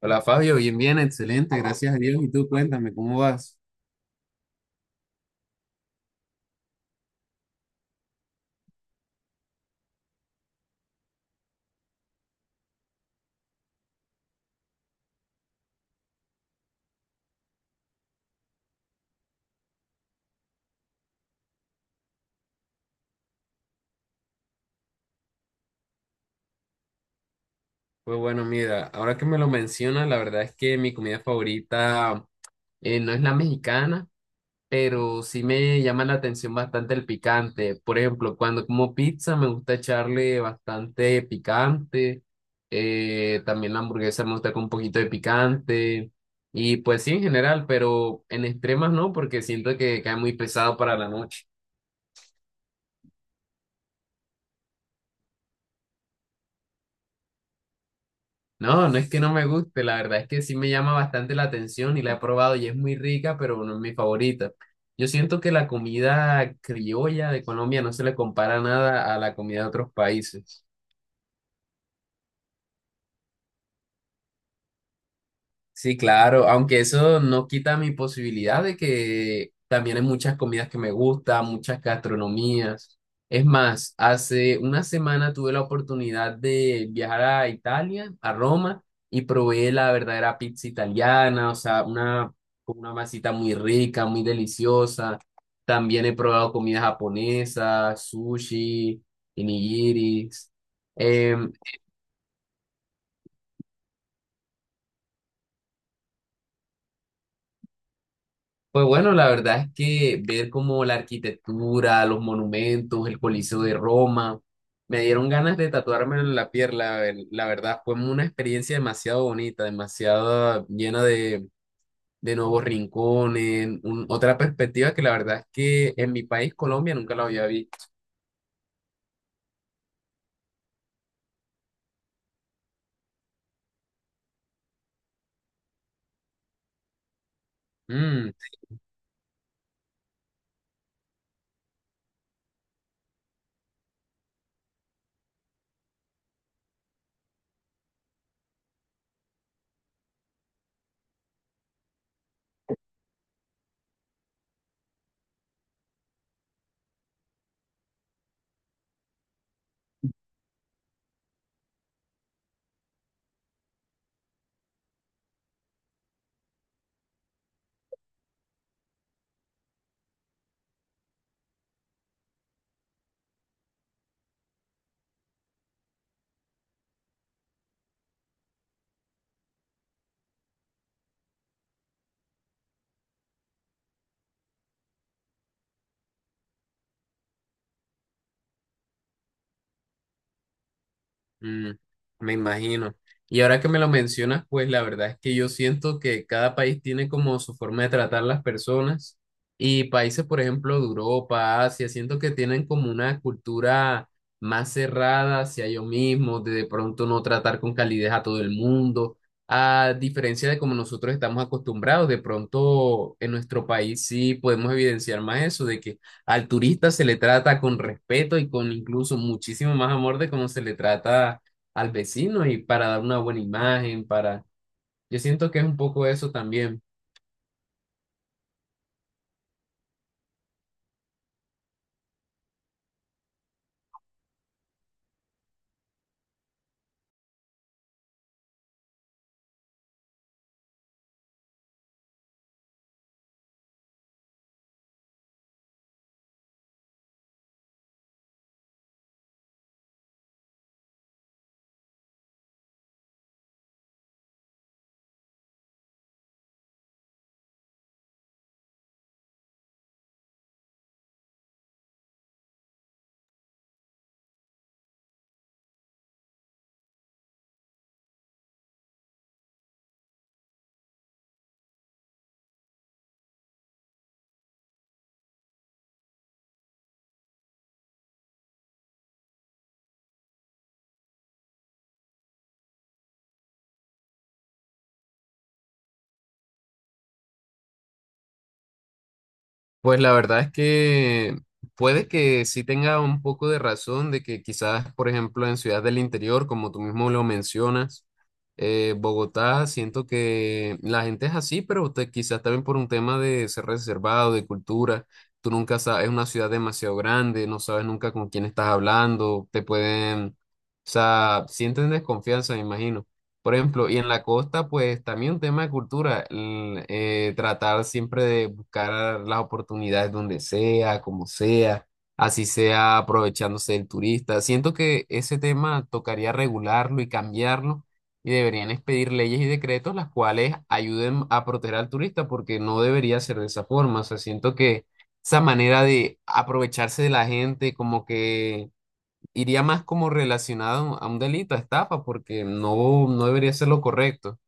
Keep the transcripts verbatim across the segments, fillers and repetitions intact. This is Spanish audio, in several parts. Hola Fabio, bien, bien, excelente, gracias a Dios. Y tú, cuéntame, ¿cómo vas? Pues bueno, mira, ahora que me lo mencionas, la verdad es que mi comida favorita eh, no es la mexicana, pero sí me llama la atención bastante el picante. Por ejemplo, cuando como pizza me gusta echarle bastante picante, eh, también la hamburguesa me gusta con un poquito de picante, y pues sí, en general, pero en extremas no, porque siento que cae muy pesado para la noche. No, no es que no me guste, la verdad es que sí me llama bastante la atención y la he probado y es muy rica, pero no es mi favorita. Yo siento que la comida criolla de Colombia no se le compara nada a la comida de otros países. Sí, claro, aunque eso no quita mi posibilidad de que también hay muchas comidas que me gustan, muchas gastronomías. Es más, hace una semana tuve la oportunidad de viajar a Italia, a Roma, y probé la verdadera pizza italiana, o sea, una, con una masita muy rica, muy deliciosa. También he probado comida japonesa, sushi, onigiris. Em, Pues bueno, la verdad es que ver como la arquitectura, los monumentos, el Coliseo de Roma, me dieron ganas de tatuármelo en la piel, la, ver- la verdad fue una experiencia demasiado bonita, demasiado llena de, de nuevos rincones, un- otra perspectiva que la verdad es que en mi país, Colombia, nunca la había visto. Mm. Mm, me imagino. Y ahora que me lo mencionas, pues la verdad es que yo siento que cada país tiene como su forma de tratar las personas y países, por ejemplo, de Europa, Asia, siento que tienen como una cultura más cerrada hacia ellos mismos, de de pronto no tratar con calidez a todo el mundo, a diferencia de como nosotros estamos acostumbrados, de pronto en nuestro país sí podemos evidenciar más eso, de que al turista se le trata con respeto y con incluso muchísimo más amor de cómo se le trata al vecino y para dar una buena imagen, para... Yo siento que es un poco eso también. Pues la verdad es que puede que sí tenga un poco de razón de que quizás, por ejemplo, en Ciudad del Interior, como tú mismo lo mencionas, eh, Bogotá, siento que la gente es así, pero te- quizás también por un tema de ser reservado, de cultura. Tú nunca sabes, es una ciudad demasiado grande, no sabes nunca con quién estás hablando, te pueden, o sea, sienten desconfianza, me imagino. Por ejemplo, y en la costa, pues también un tema de cultura, el, eh, tratar siempre de buscar las oportunidades donde sea, como sea, así sea aprovechándose del turista. Siento que ese tema tocaría regularlo y cambiarlo y deberían expedir leyes y decretos las cuales ayuden a proteger al turista porque no debería ser de esa forma. O sea, siento que esa manera de aprovecharse de la gente, como que iría más como relacionado a un delito, a estafa, porque no, no debería ser lo correcto.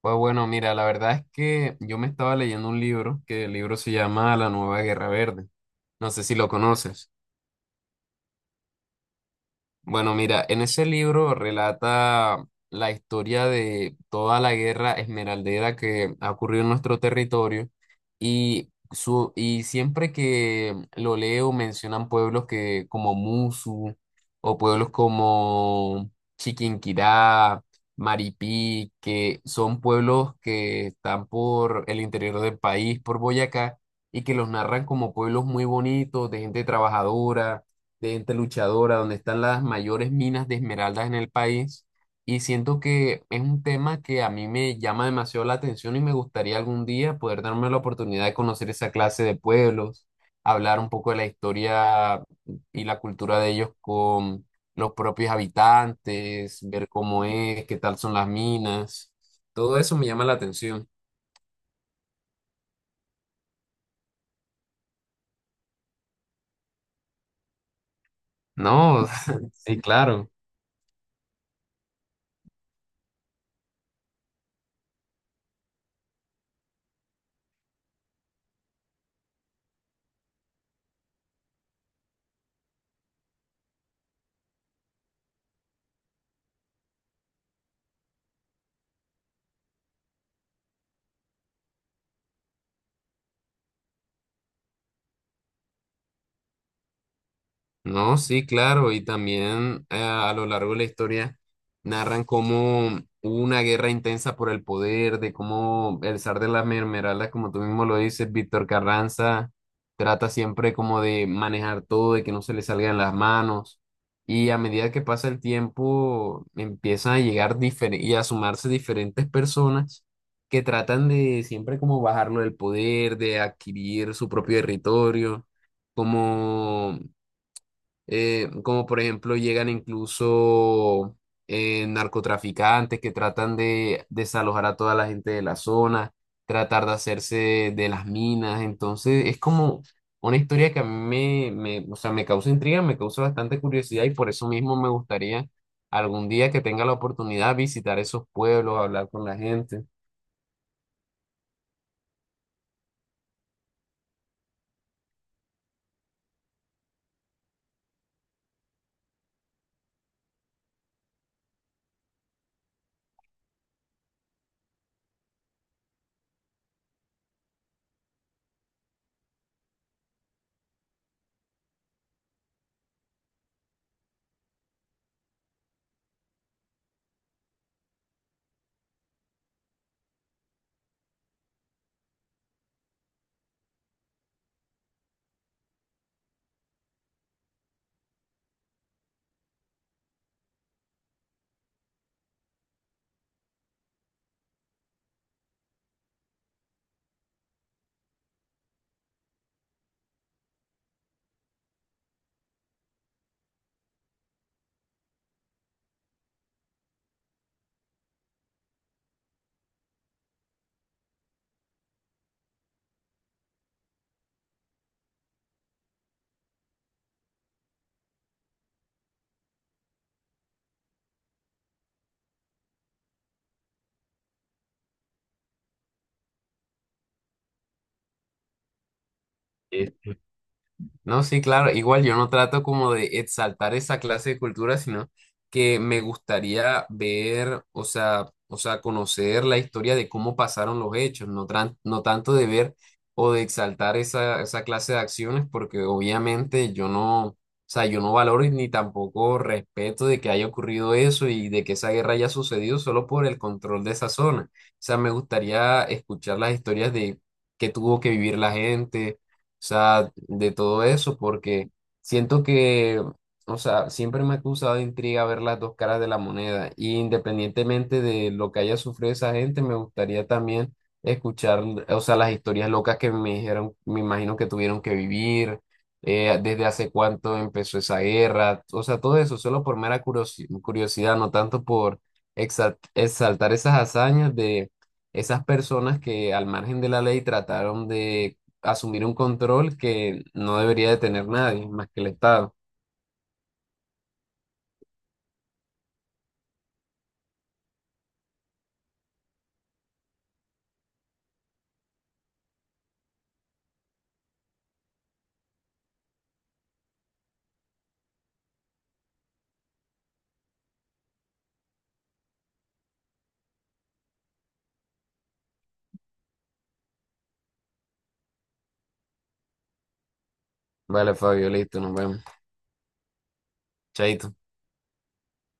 Pues bueno, mira, la verdad es que yo me estaba leyendo un libro, que el libro se llama La Nueva Guerra Verde. No sé si lo conoces. Bueno, mira, en ese libro relata la historia de toda la guerra esmeraldera que ha ocurrido en nuestro territorio y, su, y siempre que lo leo mencionan pueblos que, como Musu o pueblos como Chiquinquirá, Maripí, que son pueblos que están por el interior del país, por Boyacá, y que los narran como pueblos muy bonitos, de gente trabajadora, de gente luchadora, donde están las mayores minas de esmeraldas en el país. Y siento que es un tema que a mí me llama demasiado la atención y me gustaría algún día poder darme la oportunidad de conocer esa clase de pueblos, hablar un poco de la historia y la cultura de ellos con los propios habitantes, ver cómo es, qué tal son las minas. Todo eso me llama la atención. No, sí, claro. No, sí, claro, y también eh, a lo largo de la historia narran cómo hubo una guerra intensa por el poder, de cómo el zar de las mermeladas, como tú mismo lo dices, Víctor Carranza, trata siempre como de manejar todo, de que no se le salgan las manos, y a medida que pasa el tiempo empiezan a llegar difere- y a sumarse diferentes personas que tratan de siempre como bajarlo del poder, de adquirir su propio territorio como eh, como por ejemplo llegan incluso eh, narcotraficantes que tratan de desalojar a toda la gente de la zona, tratar de hacerse de las minas, entonces es como una historia que a mí me, me, o sea, me causa intriga, me causa bastante curiosidad y por eso mismo me gustaría algún día que tenga la oportunidad visitar esos pueblos, hablar con la gente. No, sí, claro, igual yo no trato como de exaltar esa clase de cultura, sino que me gustaría ver, o sea, o sea, conocer la historia de cómo pasaron los hechos, no, tran- no tanto de ver o de exaltar esa, esa clase de acciones, porque obviamente yo no, o sea, yo no valoro y ni tampoco respeto de que haya ocurrido eso y de que esa guerra haya sucedido solo por el control de esa zona. O sea, me gustaría escuchar las historias de qué tuvo que vivir la gente sea, de todo eso, porque siento que, o sea, siempre me ha causado de intriga ver las dos caras de la moneda, y independientemente de lo que haya sufrido esa gente, me gustaría también escuchar, o sea, las historias locas que me dijeron, me imagino que tuvieron que vivir, eh, desde hace cuánto empezó esa guerra, o sea, todo eso, solo por mera curiosi- curiosidad, no tanto por exa- exaltar esas hazañas de... esas personas que al margen de la ley trataron de asumir un control que no debería de tener nadie más que el Estado. Vale, Fabio, listo, nos vemos. Chaito.